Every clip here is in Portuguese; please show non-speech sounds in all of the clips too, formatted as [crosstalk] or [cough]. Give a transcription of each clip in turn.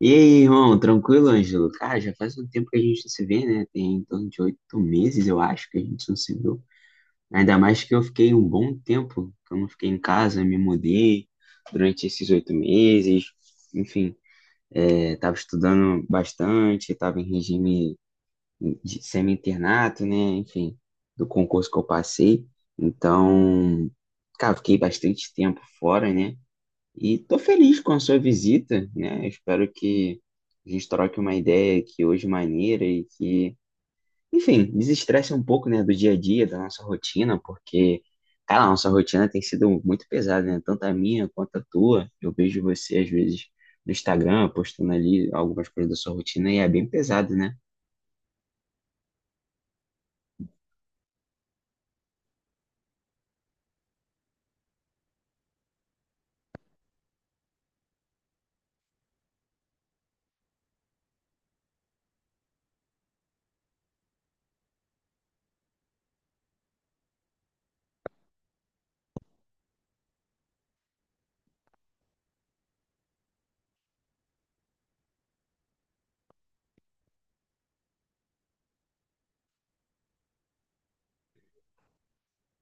E aí, irmão, tranquilo, Ângelo? Cara, já faz um tempo que a gente não se vê, né? Tem em torno de 8 meses, eu acho, que a gente não se viu. Ainda mais que eu fiquei um bom tempo, que eu não fiquei em casa, me mudei durante esses 8 meses. Enfim, tava estudando bastante, tava em regime de semi-internato, né? Enfim, do concurso que eu passei. Então, cara, fiquei bastante tempo fora, né? E tô feliz com a sua visita, né? Espero que a gente troque uma ideia que hoje maneira e que, enfim, desestresse um pouco, né, do dia a dia, da nossa rotina, porque, cara, a nossa rotina tem sido muito pesada, né? Tanto a minha quanto a tua. Eu vejo você, às vezes, no Instagram, postando ali algumas coisas da sua rotina e é bem pesado, né?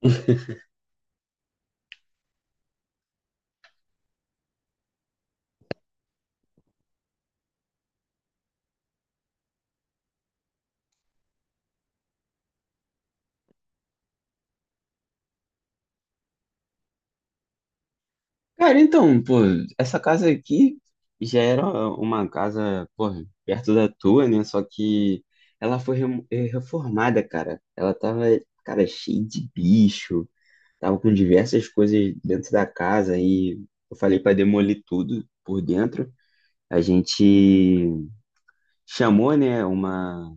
[laughs] Cara, então, pô, essa casa aqui já era uma casa, pô, perto da tua, né? Só que ela foi reformada, cara. Ela tava, cara, cheia de bicho, tava com diversas coisas dentro da casa e eu falei pra demolir tudo por dentro. A gente chamou, né, uma.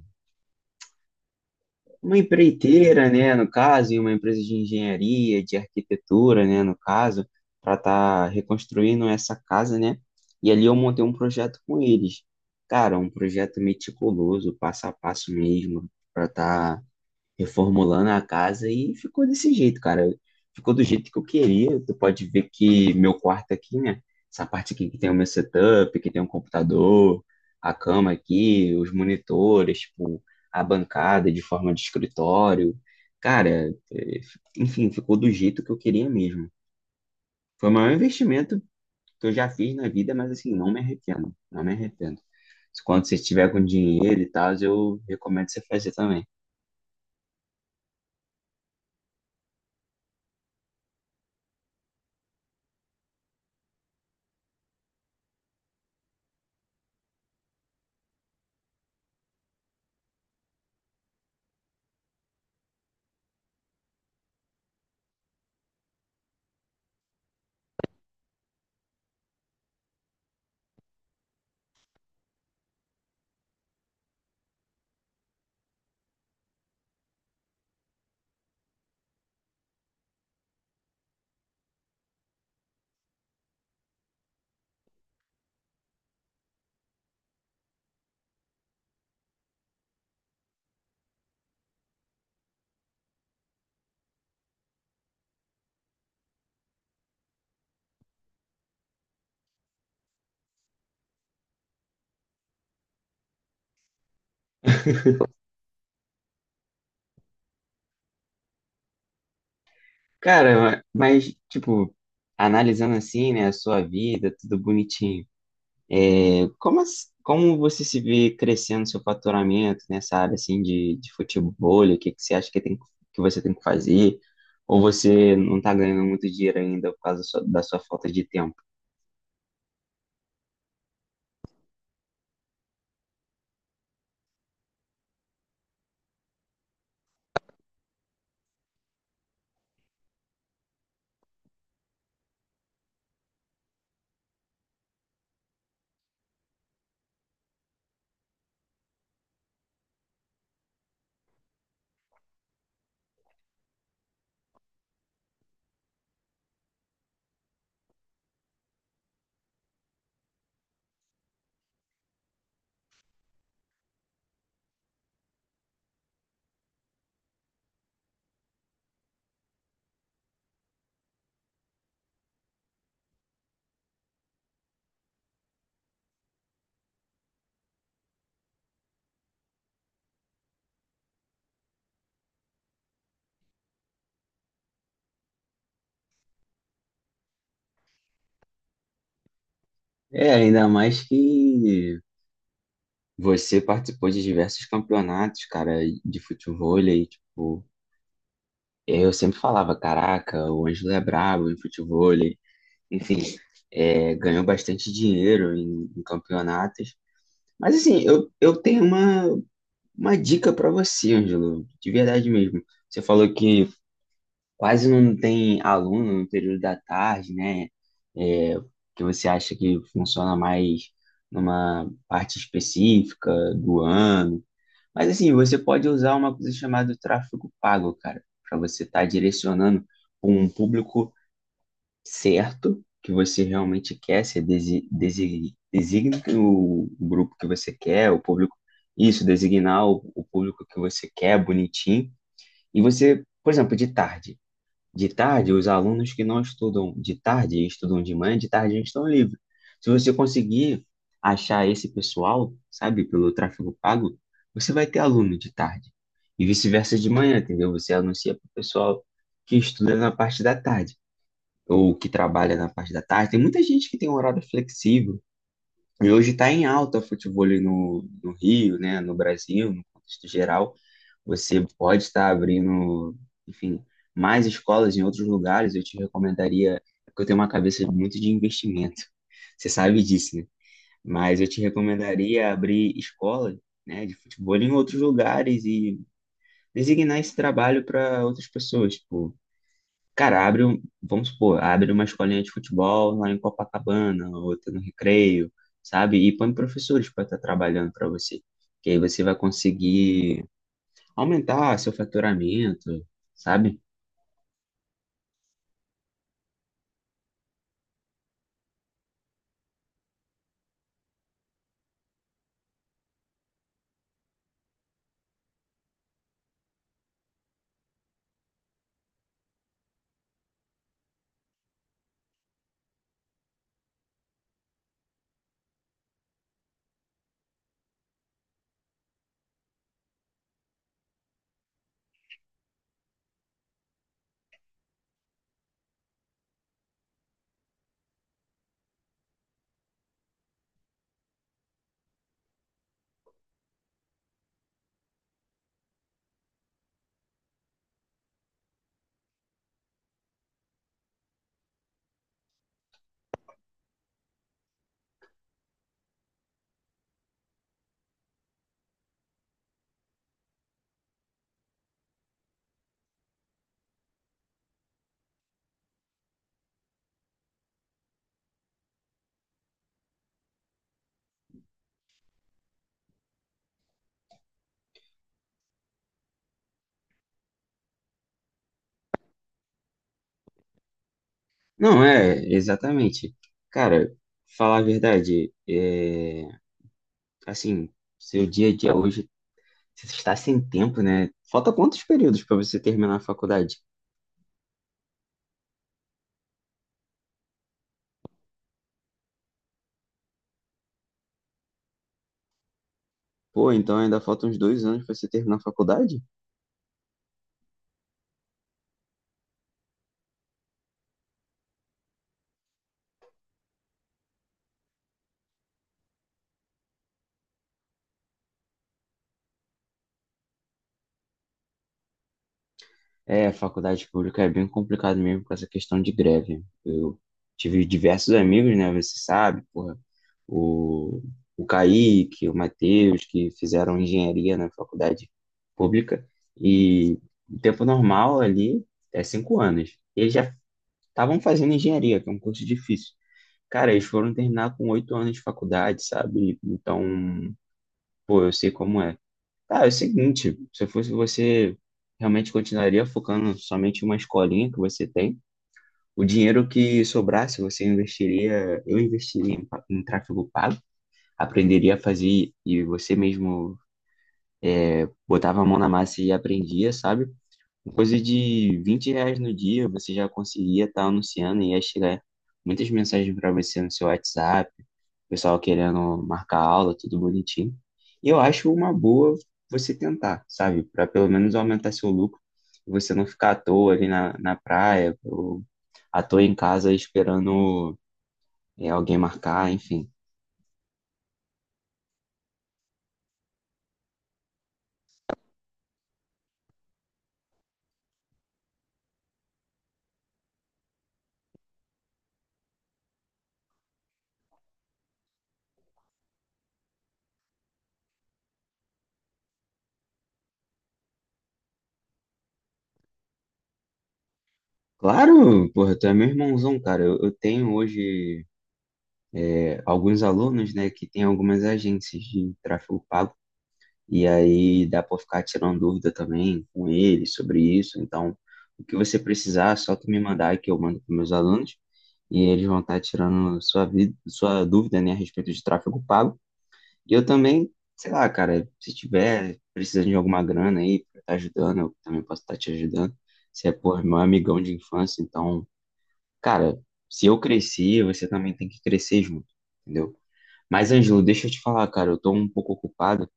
Uma empreiteira, né, no caso, e uma empresa de engenharia, de arquitetura, né, no caso, para estar reconstruindo essa casa, né? E ali eu montei um projeto com eles. Cara, um projeto meticuloso, passo a passo mesmo, para estar reformulando a casa e ficou desse jeito, cara. Ficou do jeito que eu queria. Tu pode ver que meu quarto aqui, né? Essa parte aqui que tem o meu setup, que tem um computador, a cama aqui, os monitores, tipo, a bancada de forma de escritório. Cara, enfim, ficou do jeito que eu queria mesmo. Foi o maior investimento que eu já fiz na vida, mas assim, não me arrependo, não me arrependo. Quando você estiver com dinheiro e tal, eu recomendo você fazer também. Cara, mas, tipo, analisando assim, né, a sua vida, tudo bonitinho, como você se vê crescendo seu faturamento nessa área, assim, de futebol? O que que você acha que, tem, que você tem que fazer? Ou você não tá ganhando muito dinheiro ainda por causa da da sua falta de tempo? É, ainda mais que você participou de diversos campeonatos, cara, de futebol, e, tipo, eu sempre falava, caraca, o Ângelo é brabo em futebol, enfim, é, ganhou bastante dinheiro em campeonatos. Mas assim, eu tenho uma dica para você, Ângelo, de verdade mesmo. Você falou que quase não tem aluno no período da tarde, né? É, que você acha que funciona mais numa parte específica do ano. Mas assim, você pode usar uma coisa chamada tráfego pago, cara, para você estar direcionando para um público certo que você realmente quer, você designa o grupo que você quer, o público, isso, designar o público que você quer, bonitinho. E você, por exemplo, de tarde. De tarde, os alunos que não estudam de tarde e estudam de manhã, de tarde eles estão livres. Se você conseguir achar esse pessoal, sabe, pelo tráfego pago, você vai ter aluno de tarde. E vice-versa de manhã, entendeu? Você anuncia para o pessoal que estuda na parte da tarde ou que trabalha na parte da tarde. Tem muita gente que tem um horário flexível. E hoje está em alta o futebol no Rio, né, no Brasil, no contexto geral. Você pode estar abrindo, enfim, mais escolas em outros lugares. Eu te recomendaria, porque eu tenho uma cabeça muito de investimento. Você sabe disso, né? Mas eu te recomendaria abrir escolas, né, de futebol em outros lugares e designar esse trabalho para outras pessoas. Tipo, cara, vamos supor, abre uma escolinha de futebol lá em Copacabana, outra no Recreio, sabe? E põe professores para estar trabalhando para você. Que aí você vai conseguir aumentar seu faturamento, sabe? Não, é, exatamente. Cara, falar a verdade, é, assim, seu dia a dia hoje, você está sem tempo, né? Falta quantos períodos para você terminar a faculdade? Pô, então ainda faltam uns 2 anos para você terminar a faculdade? É, faculdade pública é bem complicado mesmo com essa questão de greve. Eu tive diversos amigos, né? Você sabe, porra, o, o Kaique, o Matheus, que fizeram engenharia na faculdade pública. E o tempo normal ali é 5 anos. Eles já estavam fazendo engenharia, que é um curso difícil. Cara, eles foram terminar com 8 anos de faculdade, sabe? Então, pô, eu sei como é. Cara, é o seguinte, se fosse você, realmente continuaria focando somente em uma escolinha que você tem. O dinheiro que sobrasse, você investiria, eu investiria em tráfego pago, aprenderia a fazer e você mesmo botava a mão na massa e aprendia, sabe? Coisa de R$ 20 no dia, você já conseguia estar anunciando e ia chegar muitas mensagens para você no seu WhatsApp, pessoal querendo marcar aula, tudo bonitinho. E eu acho uma boa você tentar, sabe? Para pelo menos aumentar seu lucro, e você não ficar à toa ali na praia, ou à toa em casa esperando alguém marcar, enfim. Claro, porra, tu é meu irmãozão, cara. Eu tenho hoje é, alguns alunos, né, que têm algumas agências de tráfego pago. E aí dá para ficar tirando dúvida também com ele sobre isso. Então, o que você precisar, é só tu me mandar que eu mando para meus alunos e eles vão estar tirando sua vida, sua dúvida, né, a respeito de tráfego pago. E eu também, sei lá, cara, se tiver precisando de alguma grana aí para estar ajudando, eu também posso estar te ajudando. Você é, pô, é meu amigão de infância, então, cara, se eu cresci, você também tem que crescer junto, entendeu? Mas, Ângelo, deixa eu te falar, cara, eu tô um pouco ocupado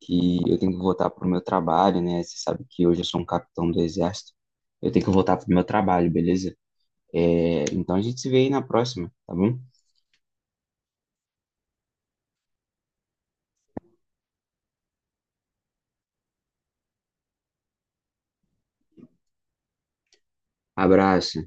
que eu tenho que voltar para o meu trabalho, né? Você sabe que hoje eu sou um capitão do exército. Eu tenho que voltar para o meu trabalho, beleza? É, então a gente se vê aí na próxima, tá bom? Abraço.